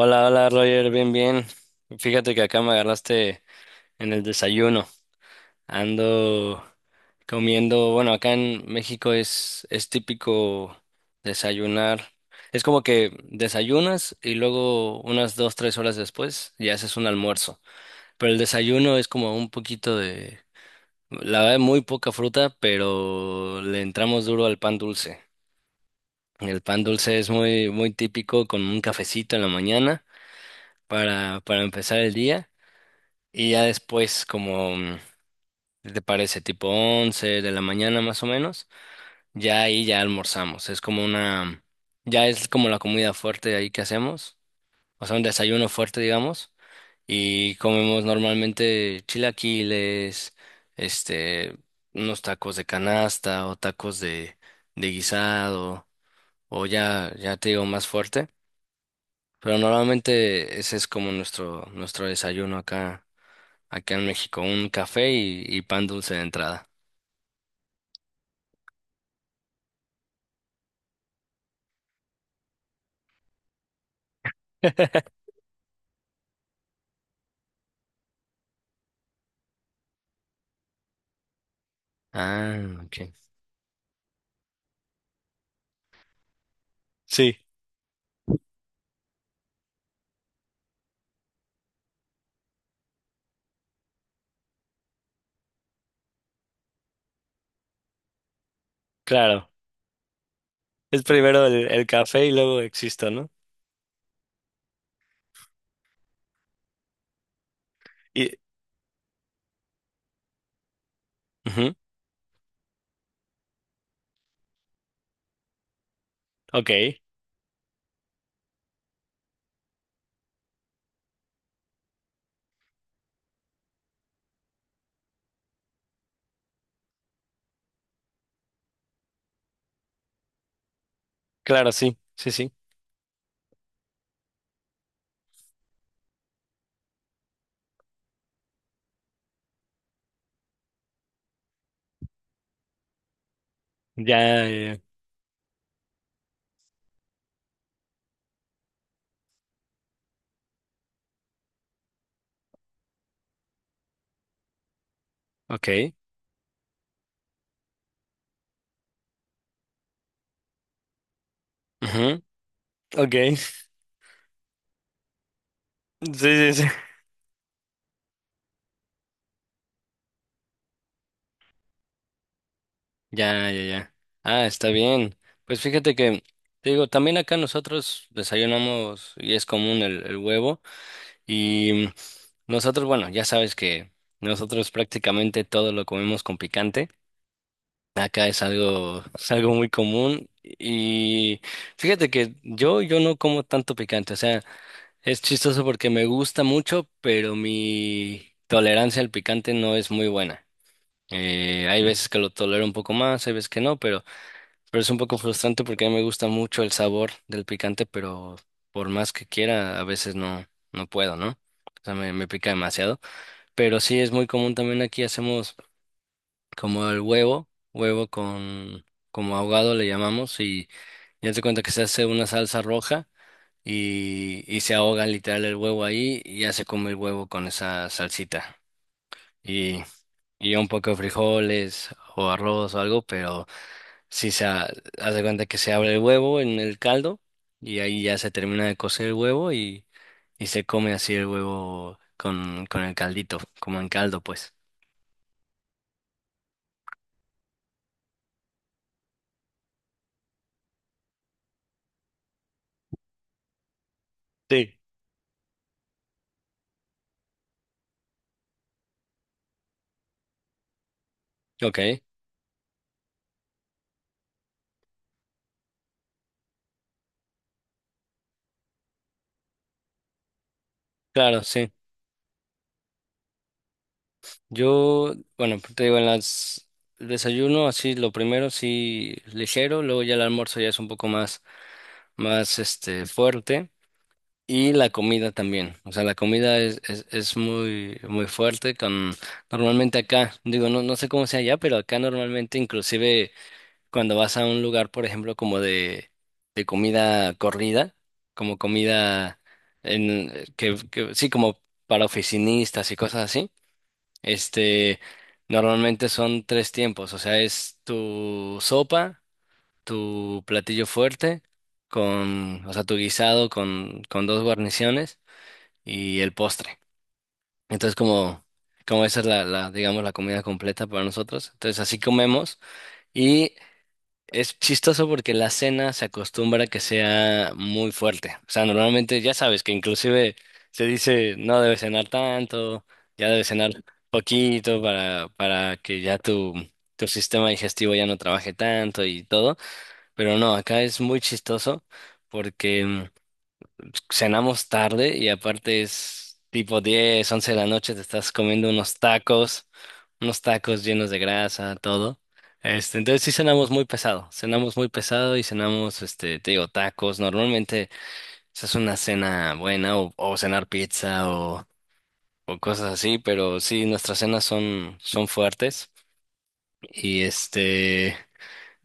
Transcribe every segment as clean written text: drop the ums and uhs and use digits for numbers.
Hola, hola Roger, bien, bien. Fíjate que acá me agarraste en el desayuno. Ando comiendo, bueno, acá en México es típico desayunar. Es como que desayunas y luego unas 2, 3 horas después ya haces un almuerzo. Pero el desayuno es como un poquito de, la verdad, muy poca fruta, pero le entramos duro al pan dulce. El pan dulce es muy, muy típico con un cafecito en la mañana para empezar el día. Y ya después, como, ¿qué te parece? Tipo 11 de la mañana más o menos, ya ahí ya almorzamos. Es como una, ya es como la comida fuerte ahí que hacemos, o sea, un desayuno fuerte, digamos, y comemos normalmente chilaquiles, este, unos tacos de canasta o tacos de guisado, o ya, ya te digo más fuerte, pero normalmente ese es como nuestro desayuno acá. Acá en México, un café y pan dulce de entrada. Ah, ok. Sí, claro. Es primero el café y luego existo, ¿no? Y, ujú, ok, claro, sí, sí, sí. Ya, ok, ujú, ok. Sí, sí, sí. Ya, ya, ya. Ah, está bien. Pues fíjate que, te digo, también acá nosotros desayunamos y es común el huevo. Y nosotros, bueno, ya sabes que nosotros prácticamente todo lo comemos con picante. Acá es algo muy común y fíjate que yo no como tanto picante, o sea, es chistoso porque me gusta mucho, pero mi tolerancia al picante no es muy buena. Hay veces que lo tolero un poco más, hay veces que no, pero es un poco frustrante porque a mí me gusta mucho el sabor del picante, pero por más que quiera, a veces no, no puedo, ¿no? O sea, me pica demasiado. Pero sí es muy común también aquí hacemos como el huevo, huevo con, como ahogado le llamamos, y ya te cuenta que se hace una salsa roja y se ahoga literal el huevo ahí y ya se come el huevo con esa salsita. Y, y un poco de frijoles o arroz o algo, pero sí haz de cuenta que se abre el huevo en el caldo y ahí ya se termina de cocer el huevo y se come así el huevo con el caldito, como en caldo pues. Sí. Ok, claro, sí. Yo, bueno, te digo, en las el desayuno así lo primero sí ligero, luego ya el almuerzo ya es un poco más fuerte y la comida también. O sea, la comida es muy muy fuerte con normalmente acá, digo, no sé cómo sea allá, pero acá normalmente inclusive cuando vas a un lugar, por ejemplo, como de comida corrida, como comida en que sí como para oficinistas y cosas así este, normalmente son tres tiempos, o sea, es tu sopa, tu platillo fuerte, con, o sea, tu guisado con dos guarniciones y el postre. Entonces, como esa es la, digamos, la comida completa para nosotros. Entonces, así comemos y es chistoso porque la cena se acostumbra que sea muy fuerte. O sea, normalmente ya sabes que inclusive se dice no debes cenar tanto, ya debes cenar poquito para que ya tu sistema digestivo ya no trabaje tanto y todo. Pero no, acá es muy chistoso porque cenamos tarde y aparte es tipo 10 11 de la noche, te estás comiendo unos tacos llenos de grasa, todo. Entonces sí cenamos muy pesado y cenamos, te digo, tacos. Normalmente esa es una cena buena o cenar pizza o cosas así, pero sí, nuestras cenas son fuertes y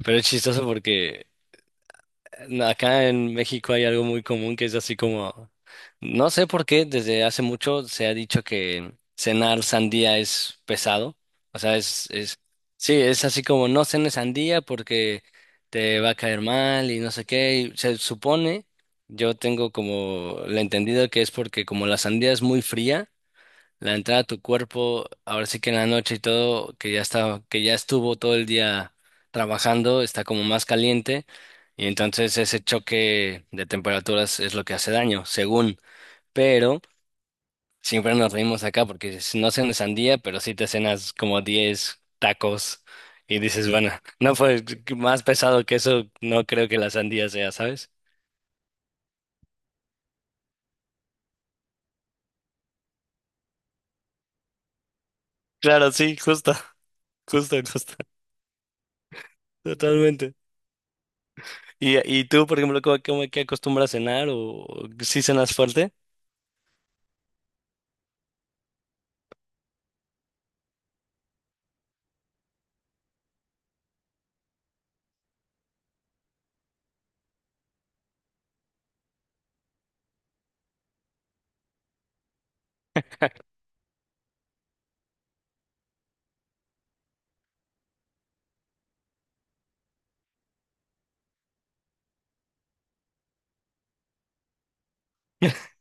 Pero es chistoso porque no, acá en México hay algo muy común que es así como, no sé por qué, desde hace mucho se ha dicho que cenar sandía es pesado. O sea, es, sí, es así como no cenes sandía porque te va a caer mal y no sé qué. Y se supone, yo tengo como la entendido que es porque como la sandía es muy fría, la entrada a tu cuerpo, ahora sí que en la noche y todo, que ya estuvo todo el día trabajando, está como más caliente y entonces ese choque de temperaturas es lo que hace daño, según. Pero siempre nos reímos acá porque si no cenas sandía, pero sí te cenas como 10 tacos y dices, bueno, no fue más pesado que eso, no creo que la sandía sea, ¿sabes? Claro, sí, justo, justo, justo, totalmente. ¿Y tú, por ejemplo, qué acostumbras a cenar o si cenas fuerte?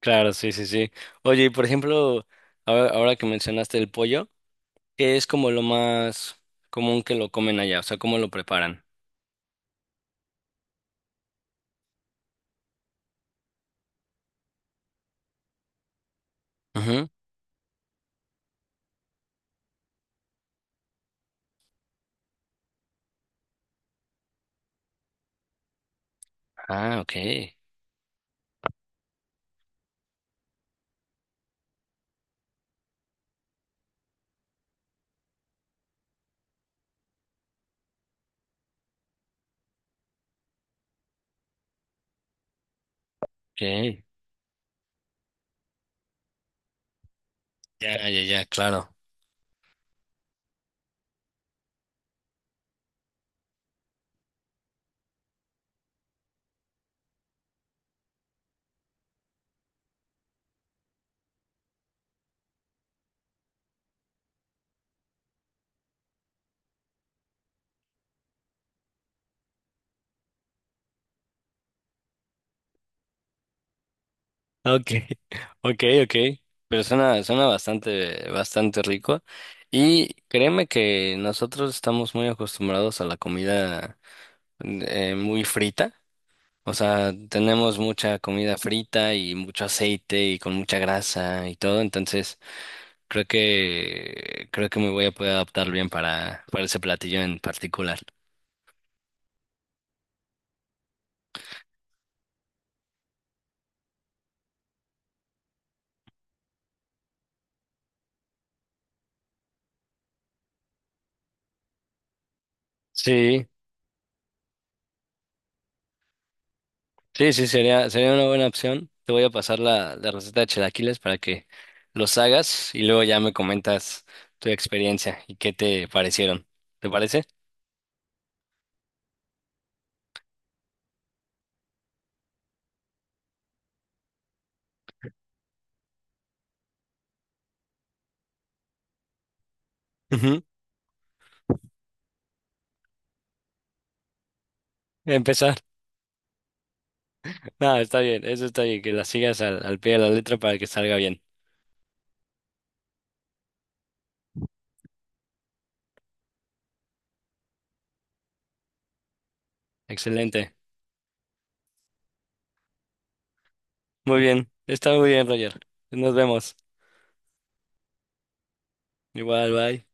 Claro, sí, sí, sí. Oye, y por ejemplo, ahora que mencionaste el pollo, ¿qué es como lo más común que lo comen allá? O sea, ¿cómo lo preparan? Ujú. Ah, okay, okay. Ya, ya, ya, claro. Okay, okay, okay. Pero suena bastante, bastante rico. Y créeme que nosotros estamos muy acostumbrados a la comida muy frita. O sea, tenemos mucha comida frita y mucho aceite y con mucha grasa y todo, entonces creo que me voy a poder adaptar bien para ese platillo en particular. Sí, sí, sí, sería una buena opción. Te voy a pasar la receta de chilaquiles para que los hagas y luego ya me comentas tu experiencia y qué te parecieron. ¿Te parece? Ujú. Empezar. No, está bien, eso está bien, que la sigas al pie de la letra para que salga bien. Excelente. Muy bien, está muy bien, Roger. Nos vemos. Igual, bye.